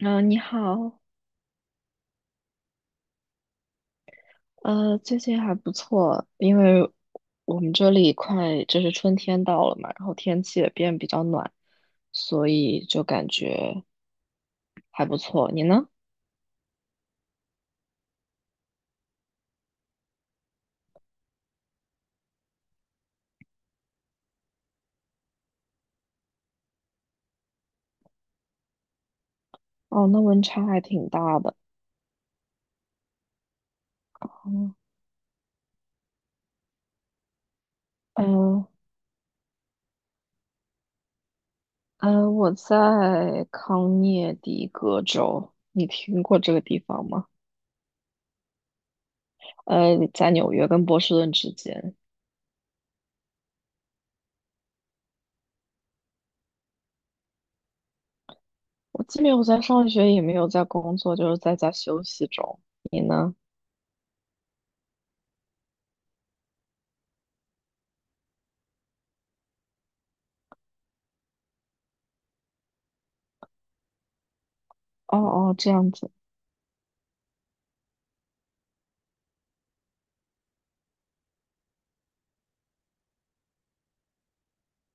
嗯，你好。最近还不错，因为我们这里快就是春天到了嘛，然后天气也变比较暖，所以就感觉还不错。你呢？哦，那温差还挺大的。嗯，呃，我在康涅狄格州，你听过这个地方吗？在纽约跟波士顿之间。我既没有在上学，也没有在工作，就是在家休息中。你呢？哦哦，这样子。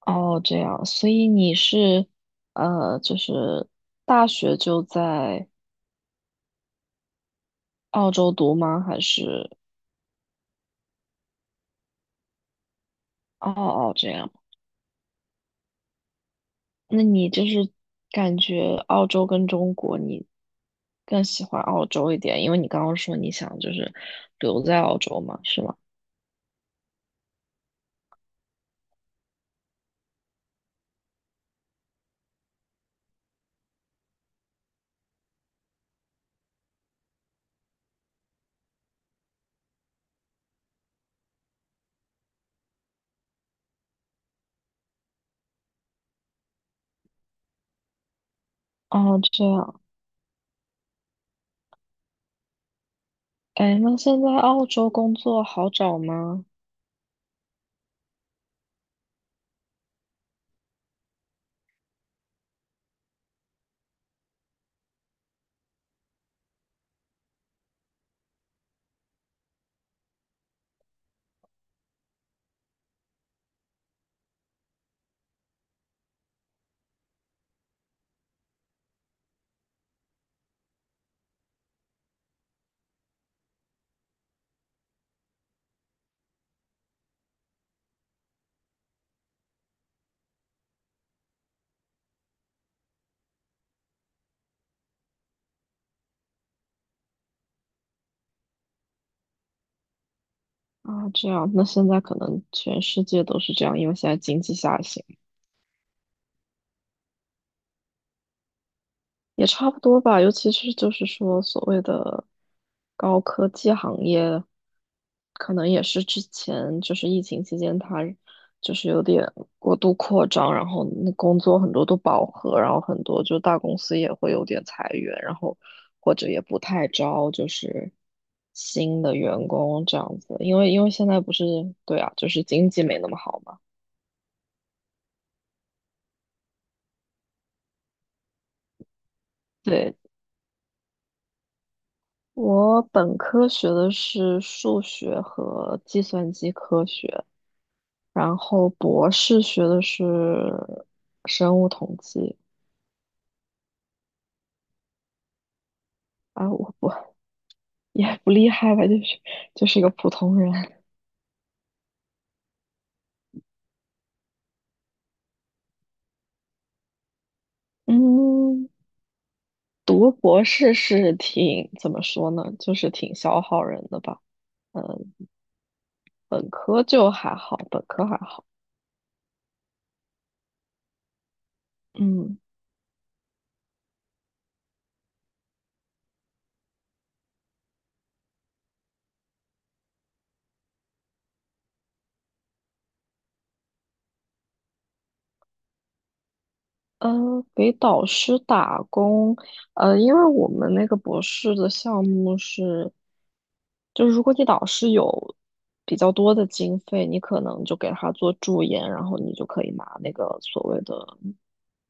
哦，这样，所以你是就是大学就在澳洲读吗？还是哦哦这样？那你就是感觉澳洲跟中国，你更喜欢澳洲一点，因为你刚刚说你想就是留在澳洲嘛，是吗？哦，这样。哎，那现在澳洲工作好找吗？啊，这样，那现在可能全世界都是这样，因为现在经济下行。也差不多吧，尤其是就是说所谓的高科技行业，可能也是之前就是疫情期间它就是有点过度扩张，然后那工作很多都饱和，然后很多就大公司也会有点裁员，然后或者也不太招就是新的员工这样子，因为现在不是对啊，就是经济没那么好嘛。对，我本科学的是数学和计算机科学，然后博士学的是生物统计。啊，我不也不厉害吧，就是一个普通人。嗯，读博士是挺怎么说呢，就是挺消耗人的吧。嗯，本科就还好，本科还好。嗯。呃，给导师打工，因为我们那个博士的项目是，就是如果你导师有比较多的经费，你可能就给他做助研，然后你就可以拿那个所谓的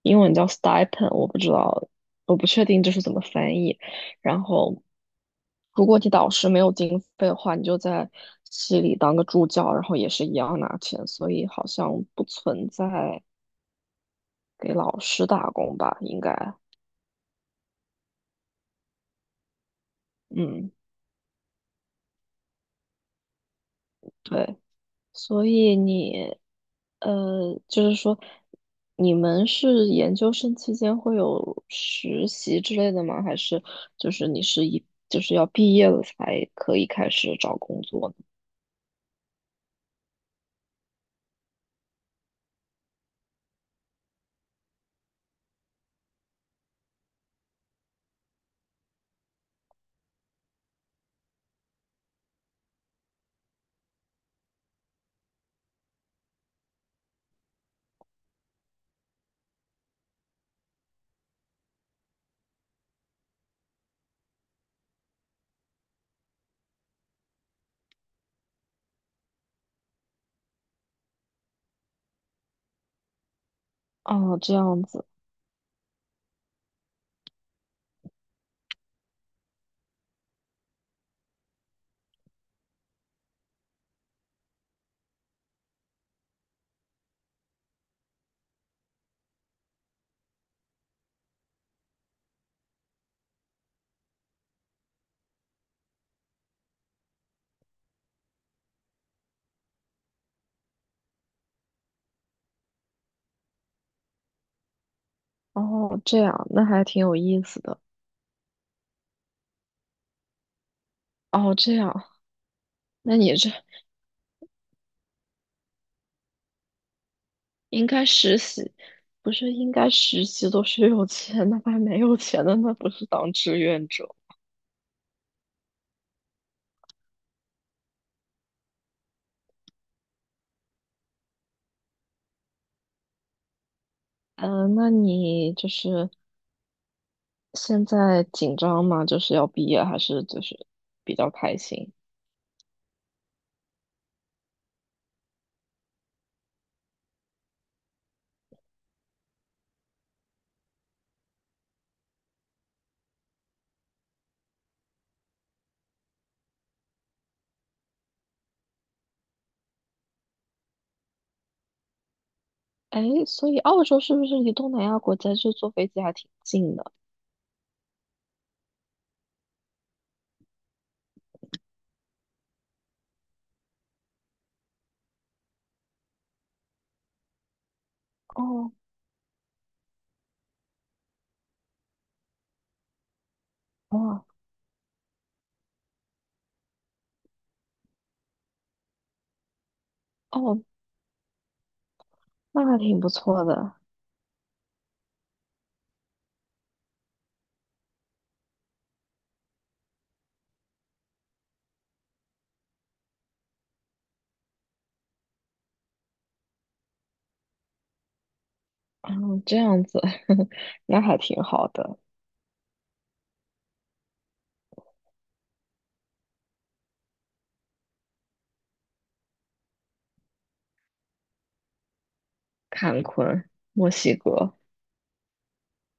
英文叫 stipend,我不知道，我不确定这是怎么翻译。然后，如果你导师没有经费的话，你就在系里当个助教，然后也是一样拿钱，所以好像不存在给老师打工吧，应该。嗯，对，所以你，就是说，你们是研究生期间会有实习之类的吗？还是就是你是一就是要毕业了才可以开始找工作呢？哦，这样子。哦，这样，那还挺有意思的。哦，这样，那你这应该实习，不是应该实习都是有钱的，还没有钱的，那不是当志愿者。嗯，那你就是现在紧张吗？就是要毕业，还是就是比较开心？哎，所以澳洲是不是离东南亚国家就坐飞机还挺近的？哦。哇。哦，那还挺不错的。嗯，这样子。那还挺好的。坎昆、墨西哥，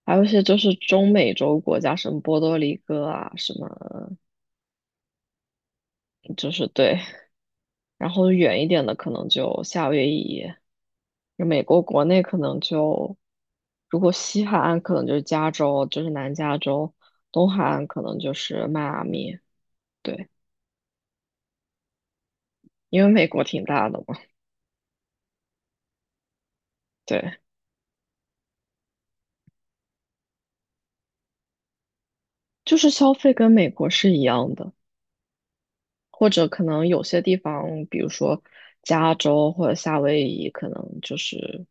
还有一些就是中美洲国家，什么波多黎各啊，什么就是对。然后远一点的可能就夏威夷，美国国内可能就，如果西海岸可能就是加州，就是南加州，东海岸可能就是迈阿密，对，因为美国挺大的嘛。对，就是消费跟美国是一样的，或者可能有些地方，比如说加州或者夏威夷，可能就是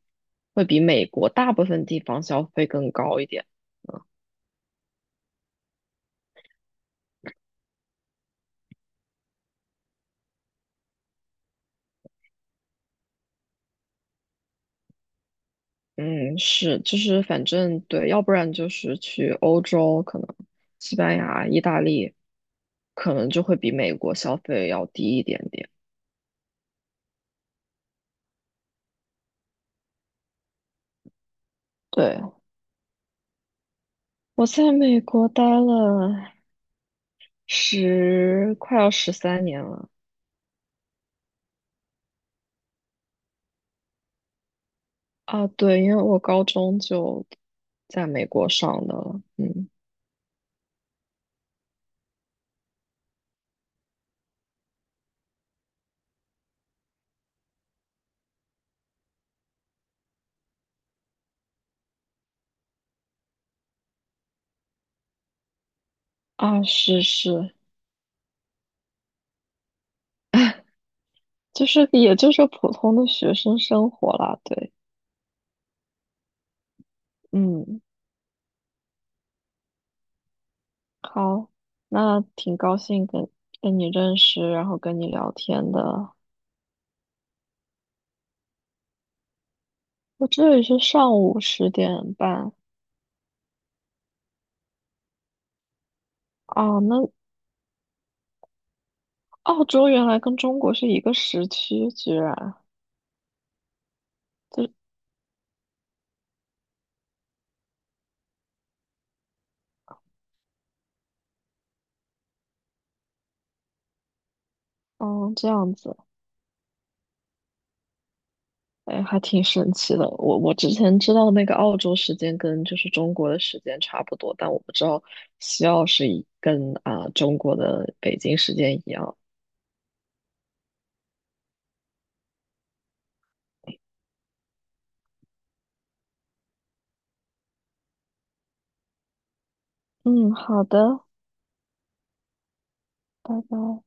会比美国大部分地方消费更高一点。嗯，是，就是反正对，要不然就是去欧洲，可能西班牙、意大利，可能就会比美国消费要低一点点。对，我在美国待了快要13年了。啊。对，因为我高中就在美国上的了。嗯。啊，是是，就是也就是普通的学生生活啦。对。嗯。好，那挺高兴跟你认识，然后跟你聊天的。我这里是上午10:30。啊，那澳洲原来跟中国是一个时区，居然，这，嗯，这样子，哎，还挺神奇的。我之前知道那个澳洲时间跟就是中国的时间差不多，但我不知道西澳是一跟啊、中国的北京时间一样。嗯，好的，拜拜。